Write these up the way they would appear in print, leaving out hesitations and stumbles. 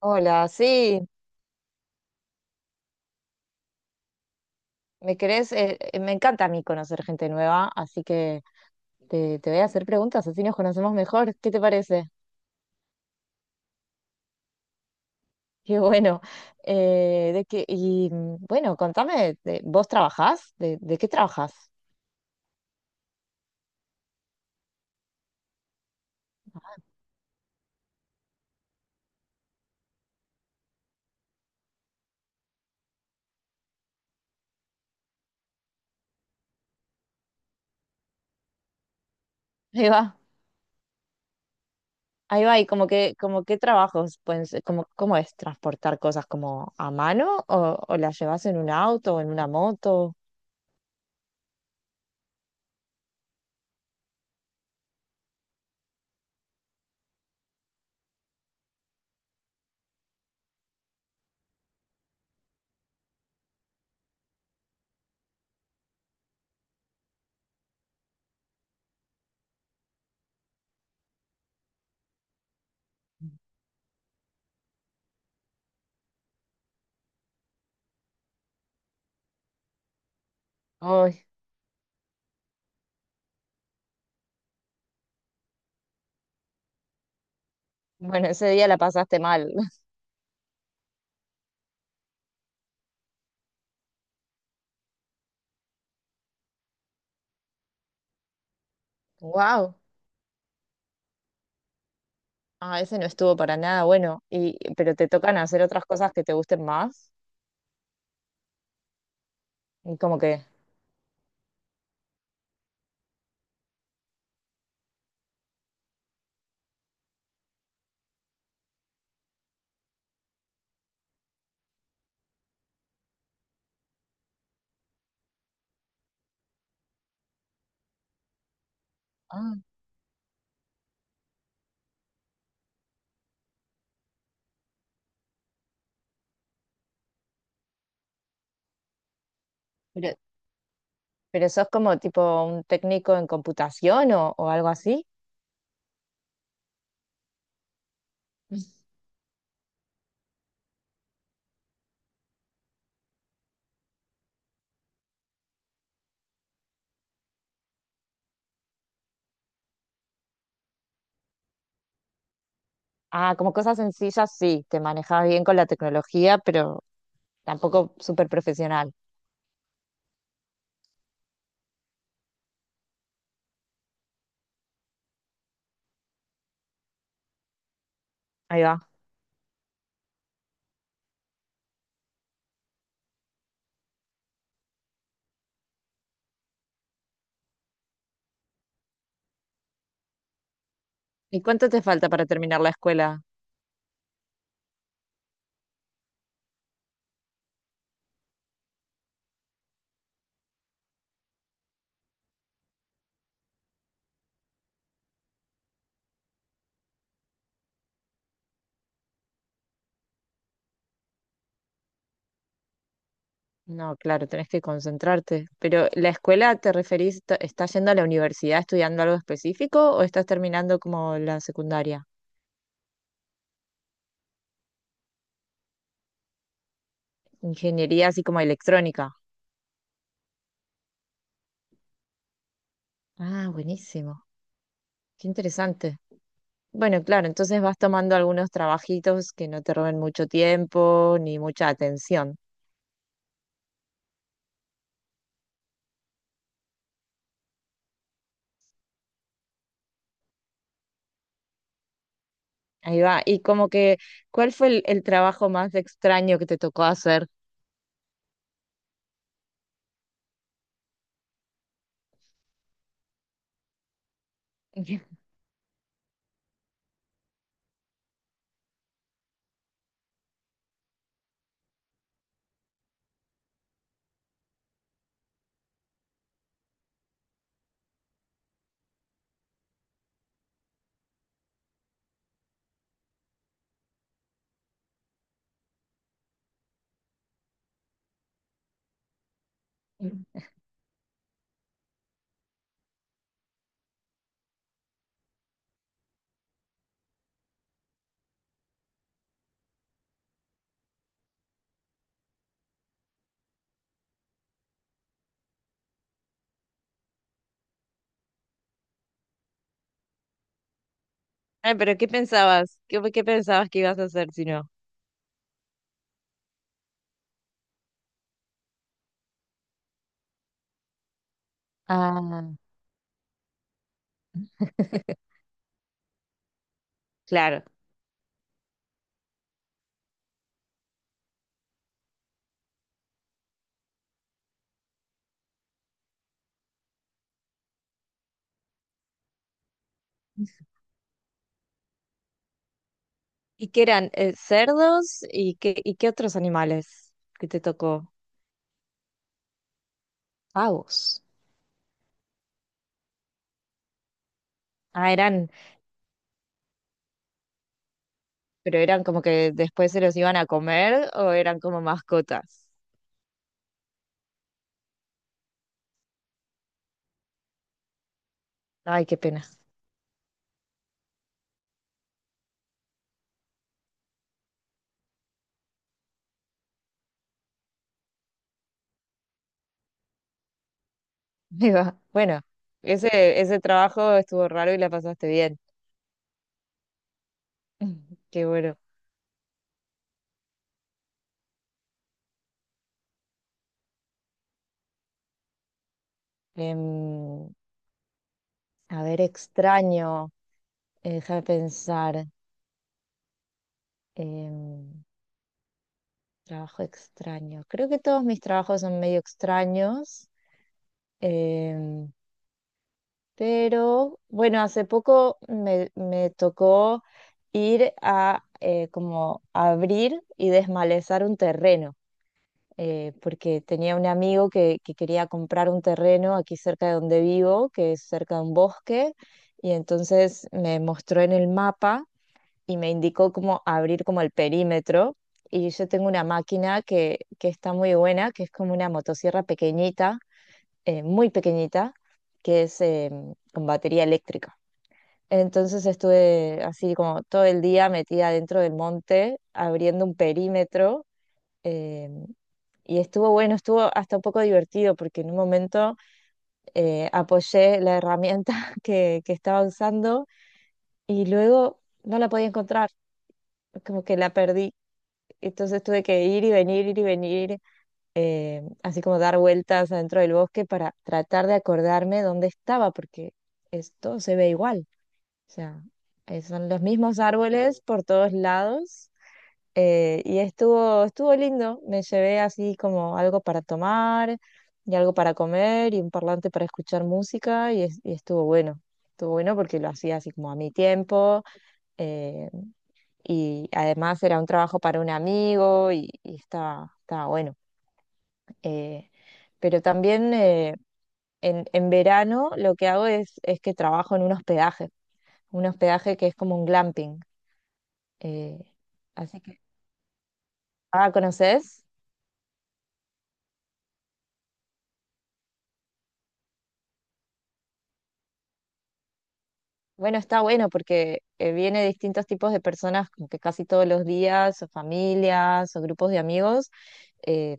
Hola, sí, me querés, me encanta a mí conocer gente nueva, así que te voy a hacer preguntas, así nos conocemos mejor. ¿Qué te parece? Qué bueno. De que, y mm, bueno, Contame, ¿vos trabajás? ¿De qué trabajás? Ahí va, ahí va, y como que, como qué trabajos, pues, como, ¿cómo es transportar cosas como a mano o las llevas en un auto o en una moto? Ay, bueno, ese día la pasaste mal. Wow. Ah, ese no estuvo para nada bueno. Y, pero te tocan hacer otras cosas que te gusten más. Y como que, ah, pero, pero sos como tipo un técnico en computación o algo así. Ah, como cosas sencillas, sí, te manejas bien con la tecnología, pero tampoco súper profesional. Ahí va. ¿Y cuánto te falta para terminar la escuela? No, claro, tenés que concentrarte. Pero ¿la escuela te referís, estás yendo a la universidad estudiando algo específico o estás terminando como la secundaria? Ingeniería así como electrónica. Ah, buenísimo. Qué interesante. Bueno, claro, entonces vas tomando algunos trabajitos que no te roben mucho tiempo ni mucha atención. Ahí va. Y como que, ¿cuál fue el trabajo más extraño que te tocó hacer? Ay, pero ¿qué pensabas? ¿Qué pensabas que ibas a hacer si no? Ah, claro. ¿Y qué eran? ¿Cerdos? ¿Y qué otros animales que te tocó? Pavos. Ah, eran ¿Pero eran como que después se los iban a comer o eran como mascotas? Ay, qué pena. Ahí va. Bueno, ese, ese trabajo estuvo raro y la pasaste bien. Qué bueno. Em, a ver, extraño. Déjame pensar. Em, Trabajo extraño. Creo que todos mis trabajos son medio extraños. Em, Pero bueno, hace poco me tocó ir a como abrir y desmalezar un terreno, porque tenía un amigo que quería comprar un terreno aquí cerca de donde vivo, que es cerca de un bosque, y entonces me mostró en el mapa y me indicó cómo abrir como el perímetro. Y yo tengo una máquina que está muy buena, que es como una motosierra pequeñita, muy pequeñita, que es... con batería eléctrica. Entonces estuve así como todo el día metida dentro del monte, abriendo un perímetro. eh, y estuvo bueno, estuvo hasta un poco divertido porque en un momento apoyé la herramienta que estaba usando y luego no la podía encontrar, como que la perdí. Entonces tuve que ir y venir, así como dar vueltas adentro del bosque para tratar de acordarme dónde estaba, porque esto se ve igual. O sea, son los mismos árboles por todos lados. Y estuvo, estuvo lindo. Me llevé así como algo para tomar y algo para comer y un parlante para escuchar música y estuvo bueno. Estuvo bueno porque lo hacía así como a mi tiempo eh, y además era un trabajo para un amigo y estaba, estaba bueno. Eh, pero también en verano lo que hago es que trabajo en un hospedaje que es como un glamping. Eh, así que, ah, ¿conoces? Bueno, está bueno porque viene de distintos tipos de personas, como que casi todos los días, o familias, o grupos de amigos, eh,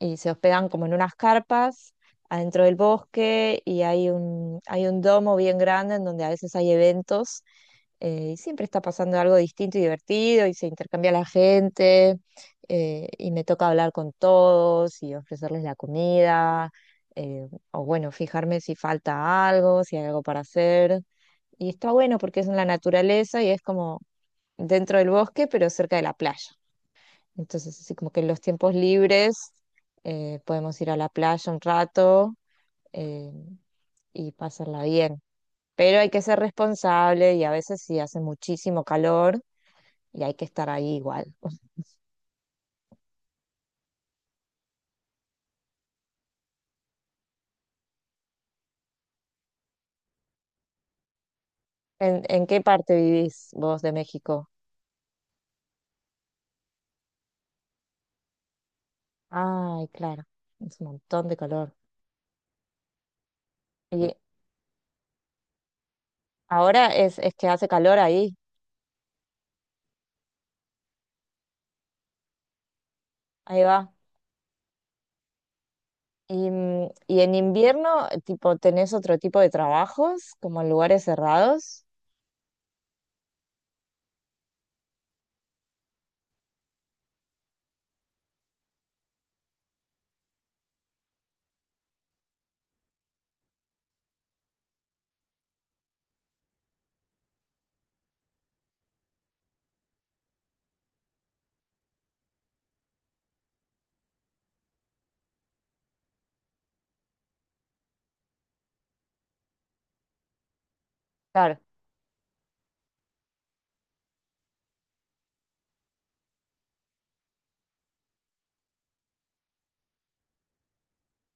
y se hospedan como en unas carpas adentro del bosque y hay un domo bien grande en donde a veces hay eventos y siempre está pasando algo distinto y divertido y se intercambia la gente y me toca hablar con todos y ofrecerles la comida o bueno, fijarme si falta algo, si hay algo para hacer. Y está bueno porque es en la naturaleza y es como dentro del bosque, pero cerca de la playa. Entonces, así como que en los tiempos libres podemos ir a la playa un rato eh, y pasarla bien. Pero hay que ser responsable y a veces sí hace muchísimo calor y hay que estar ahí igual. En qué parte vivís vos de México? Ay, claro, es un montón de calor. Y ahora es que hace calor ahí, ahí va. Y, mm, y en invierno, tipo, ¿tenés otro tipo de trabajos, como en lugares cerrados? Claro.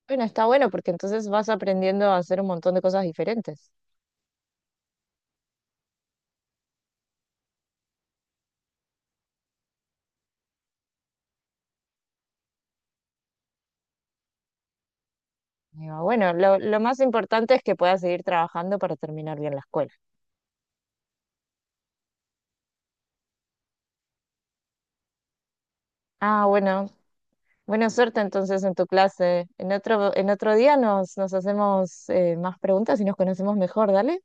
Bueno, está bueno porque entonces vas aprendiendo a hacer un montón de cosas diferentes. Digo, bueno, lo más importante es que puedas seguir trabajando para terminar bien la escuela. Ah, bueno, buena suerte entonces en tu clase. En otro día nos hacemos más preguntas y nos conocemos mejor, dale.